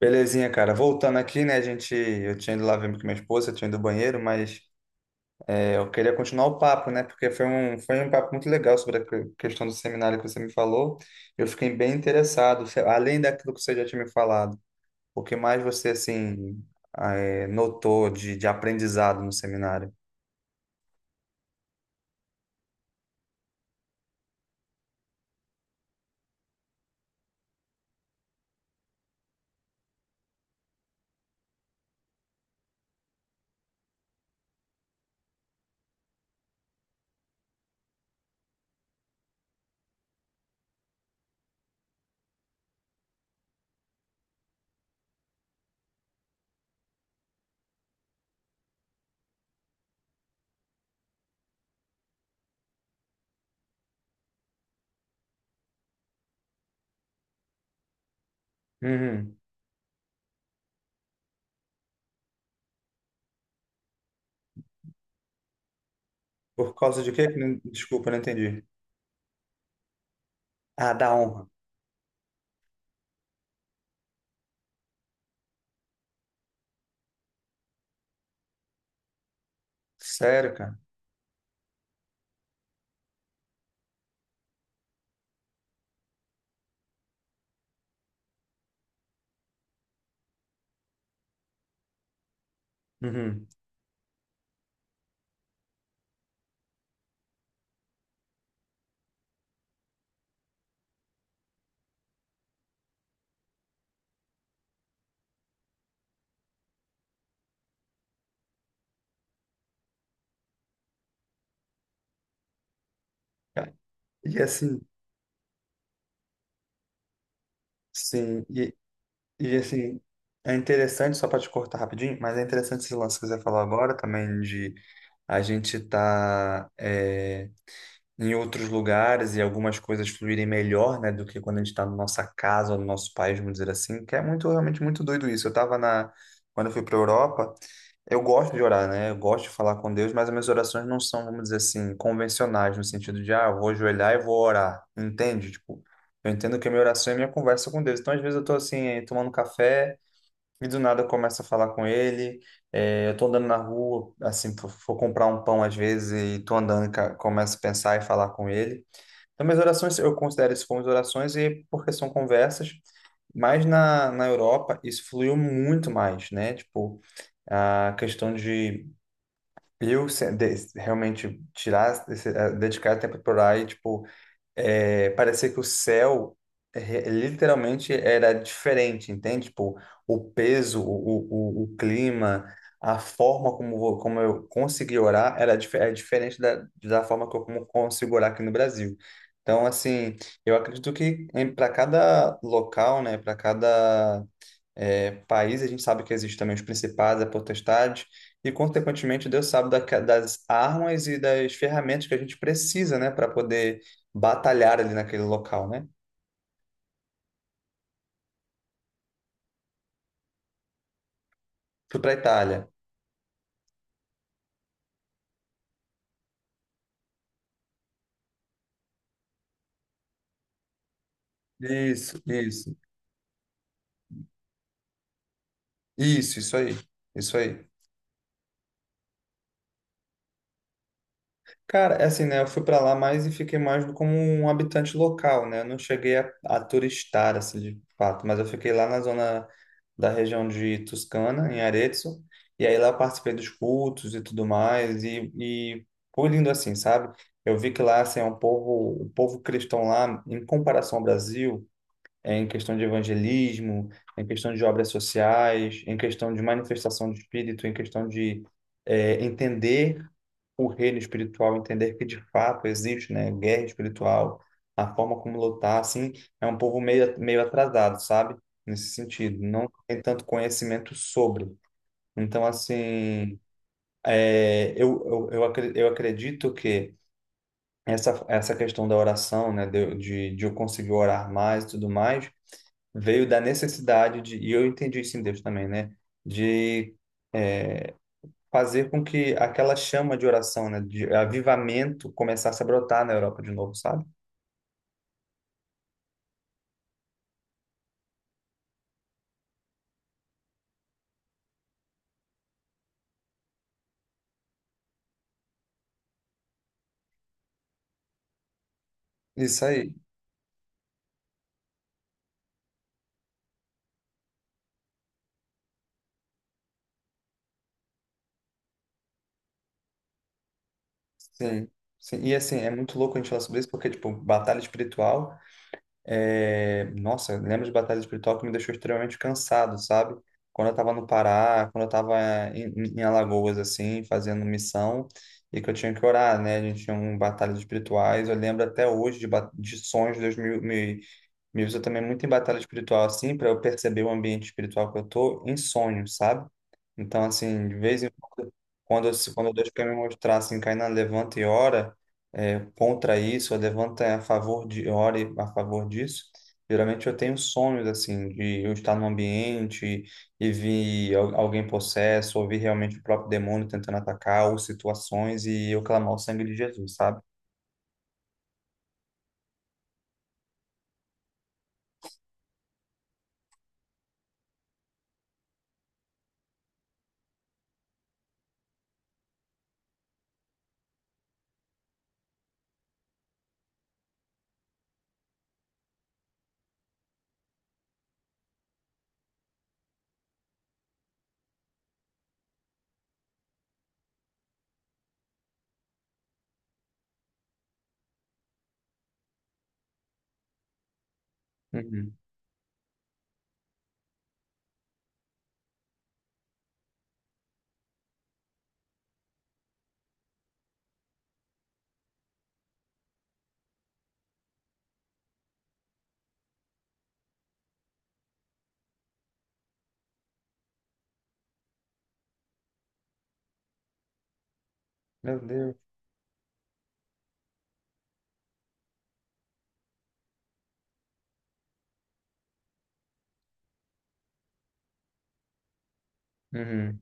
Belezinha, cara. Voltando aqui, né? A gente, eu tinha ido lá ver com minha esposa, eu tinha ido ao banheiro, mas eu queria continuar o papo, né? Porque foi um papo muito legal sobre a questão do seminário que você me falou. Eu fiquei bem interessado, além daquilo que você já tinha me falado. O que mais você, assim, notou de aprendizado no seminário? Uhum. Por causa de quê? Que não- Desculpa, eu não entendi. Ah, da honra. Sério, cara? Uhum. E assim, sim. E assim, é interessante, só para te cortar rapidinho, mas é interessante esse lance que você falou agora também de a gente tá. Em outros lugares e algumas coisas fluírem melhor, né, do que quando a gente está na nossa casa ou no nosso país, vamos dizer assim, que é muito, realmente muito doido isso. Quando eu fui para Europa, eu gosto de orar, né, eu gosto de falar com Deus, mas as minhas orações não são, vamos dizer assim, convencionais, no sentido de, ah, eu vou ajoelhar e vou orar, entende? Tipo, eu entendo que a minha oração é a minha conversa com Deus. Então, às vezes eu tô assim, tomando café, e do nada eu começo a falar com ele. É, eu tô andando na rua, assim, for for comprar um pão às vezes e tô andando, e começo a pensar e falar com ele. Então, minhas orações, eu considero isso como orações e porque são conversas, mas na Europa isso fluiu muito mais, né? Tipo, a questão de realmente tirar, dedicar tempo para orar e, tipo, é, parecia que o céu literalmente era diferente, entende? Tipo, o peso, o clima, a forma como, como eu consegui orar era é diferente da forma que eu como consigo orar aqui no Brasil. Então, assim, eu acredito que para cada local, né, para cada país, a gente sabe que existem também os principados, a potestade, e consequentemente Deus sabe das armas e das ferramentas que a gente precisa, né, para poder batalhar ali naquele local, né? Fui para a Itália. Isso, isso, isso aí, isso aí. Cara, é assim, né? Eu fui pra lá mais e fiquei mais como um habitante local, né? Eu não cheguei a turistar, assim, de fato, mas eu fiquei lá na zona da região de Toscana, em Arezzo, e aí lá eu participei dos cultos e tudo mais, e foi lindo assim, sabe? Eu vi que lá, assim, é um povo, o povo cristão lá, em comparação ao Brasil, é em questão de evangelismo, em questão de obras sociais, em questão de manifestação de espírito, em questão de entender o reino espiritual, entender que de fato existe, né, guerra espiritual, a forma como lutar, assim, é um povo meio, meio atrasado, sabe? Nesse sentido, não tem tanto conhecimento sobre. Então, assim, é, eu acredito que essa questão da oração, né, de eu conseguir orar mais e tudo mais, veio da necessidade de, e eu entendi isso em Deus também, né, de é, fazer com que aquela chama de oração, né, de avivamento começasse a brotar na Europa de novo, sabe? Isso aí. Sim. Sim. E assim, é muito louco a gente falar sobre isso, porque, tipo, batalha espiritual. É, nossa, eu lembro de batalha espiritual que me deixou extremamente cansado, sabe? Quando eu tava no Pará, quando eu tava em Alagoas, assim, fazendo missão, e que eu tinha que orar, né? A gente tinha um batalhas espirituais, eu lembro até hoje de, de sonhos, me usa também muito em batalha espiritual, assim, para eu perceber o ambiente espiritual que eu tô em sonhos, sabe? Então, assim, de vez em quando, quando, quando Deus quer me mostrar, assim, cai na levanta e ora, é, contra isso, ou levanta a favor de, ore a favor disso. Geralmente eu tenho sonhos assim de eu estar num ambiente e vir alguém possesso, ou vir realmente o próprio demônio tentando atacar, ou situações e eu clamar o sangue de Jesus, sabe? Uhum. Meu Deus. Uhum.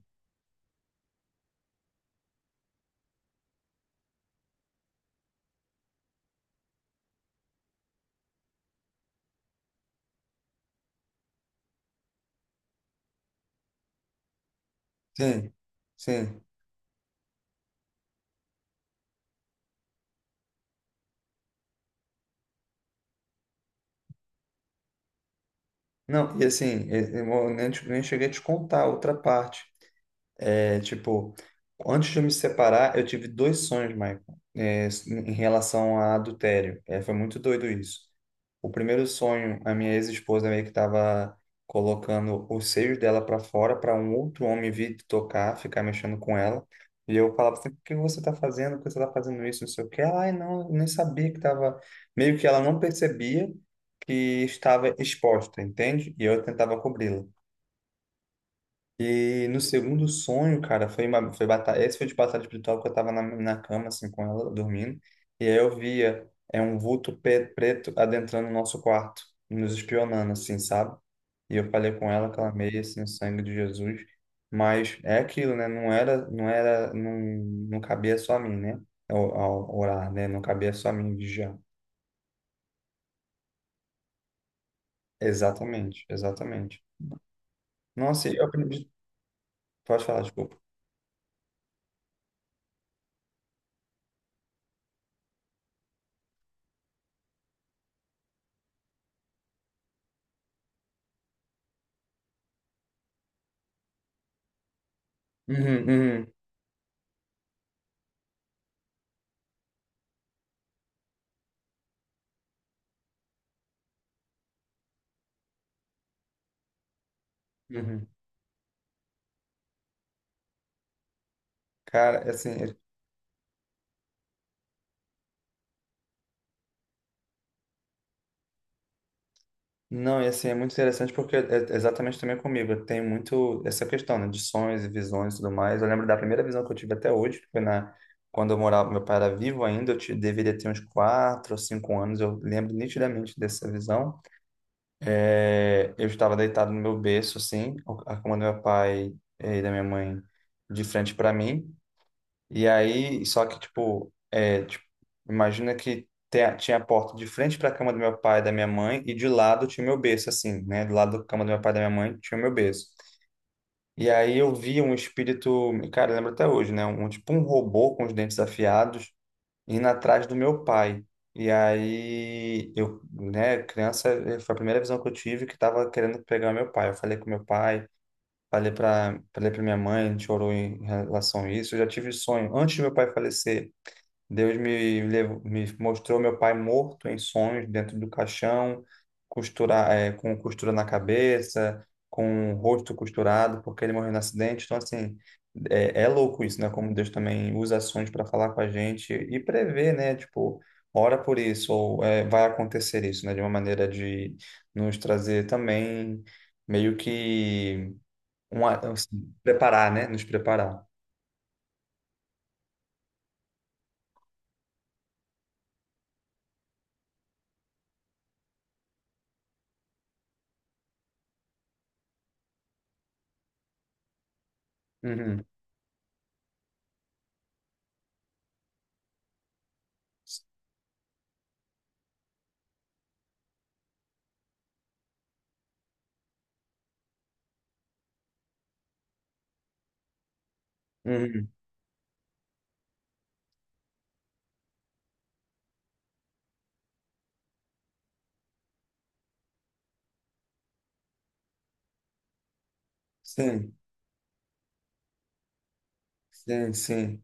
Sim, sim. Não, e assim, eu nem, te- nem cheguei a te contar outra parte. É, tipo, antes de eu me separar, eu tive 2 sonhos, Michael, é, em relação a adultério. É, foi muito doido isso. O primeiro sonho, a minha ex-esposa meio que estava colocando os seios dela para fora para um outro homem vir tocar, ficar mexendo com ela. E eu falava assim, por que você tá fazendo? Por que você tá fazendo isso? Não sei o quê. Ela, ai, não, eu nem sabia que tava... Meio que ela não percebia que estava exposta, entende? E eu tentava cobri-la. E no segundo sonho, cara, foi batalha, esse foi de batalha espiritual que eu tava na cama, assim, com ela, dormindo. E aí eu via, é um vulto preto adentrando o nosso quarto, nos espionando, assim, sabe? E eu falei com ela, clamei, assim, o sangue de Jesus. Mas é aquilo, né? Não, não cabia só a mim, né? Ao orar, né? Não cabia só a mim vigiar. Exatamente, exatamente. Nossa, e eu aprendi. Pode falar, desculpa. Uhum, uhum, uhum. Cara, assim, não, e assim, é muito interessante porque é exatamente também comigo. Eu tenho muito essa questão, né, de sonhos e visões e tudo mais. Eu lembro da primeira visão que eu tive até hoje, que foi na, quando eu morava, meu pai era vivo ainda, eu deveria ter uns 4 ou 5 anos, eu lembro nitidamente dessa visão. É, eu estava deitado no meu berço, assim, a cama do meu pai e da minha mãe de frente para mim. E aí, só que, tipo, é, tipo, imagina que tinha a porta de frente para a cama do meu pai e da minha mãe, e de lado tinha o meu berço, assim, né? Do lado da cama do meu pai e da minha mãe tinha o meu berço. E aí eu vi um espírito, cara, eu lembro até hoje, né? Um, tipo um robô com os dentes afiados indo atrás do meu pai. E aí, eu, né, criança, eh, foi a primeira visão que eu tive que tava querendo pegar meu pai. Eu falei com meu pai, falei para minha mãe, a gente orou em relação a isso. Eu já tive sonho, antes do meu pai falecer, levou, me mostrou meu pai morto em sonhos dentro do caixão, costura, eh, com costura na cabeça, com o rosto costurado, porque ele morreu no acidente. Então, assim, é, é louco isso, né? Como Deus também usa sonhos para falar com a gente e prever, né? Tipo, ora por isso, ou eh, vai acontecer isso, né? De uma maneira de nos trazer também meio que uma, assim, preparar, né? Nos preparar. Uhum, uhum. Sim, sim, sim.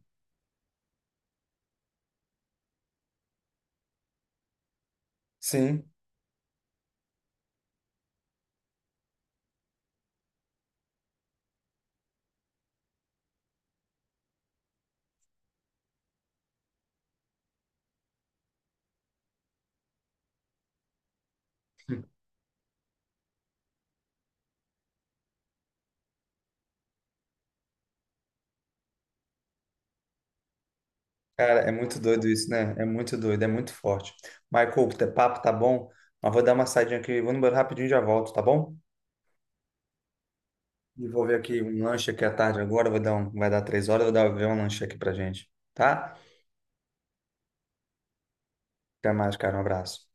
Sim. Cara, é muito doido isso, né? É muito doido, é muito forte. Michael, o teu papo tá bom, mas vou dar uma saidinha aqui, vou no banheiro rapidinho e já volto, tá bom? E vou ver aqui um lanche aqui à tarde agora, vou dar um, vai dar 3 horas, vou dar ver um lanche aqui pra gente, tá? Até mais, cara, um abraço.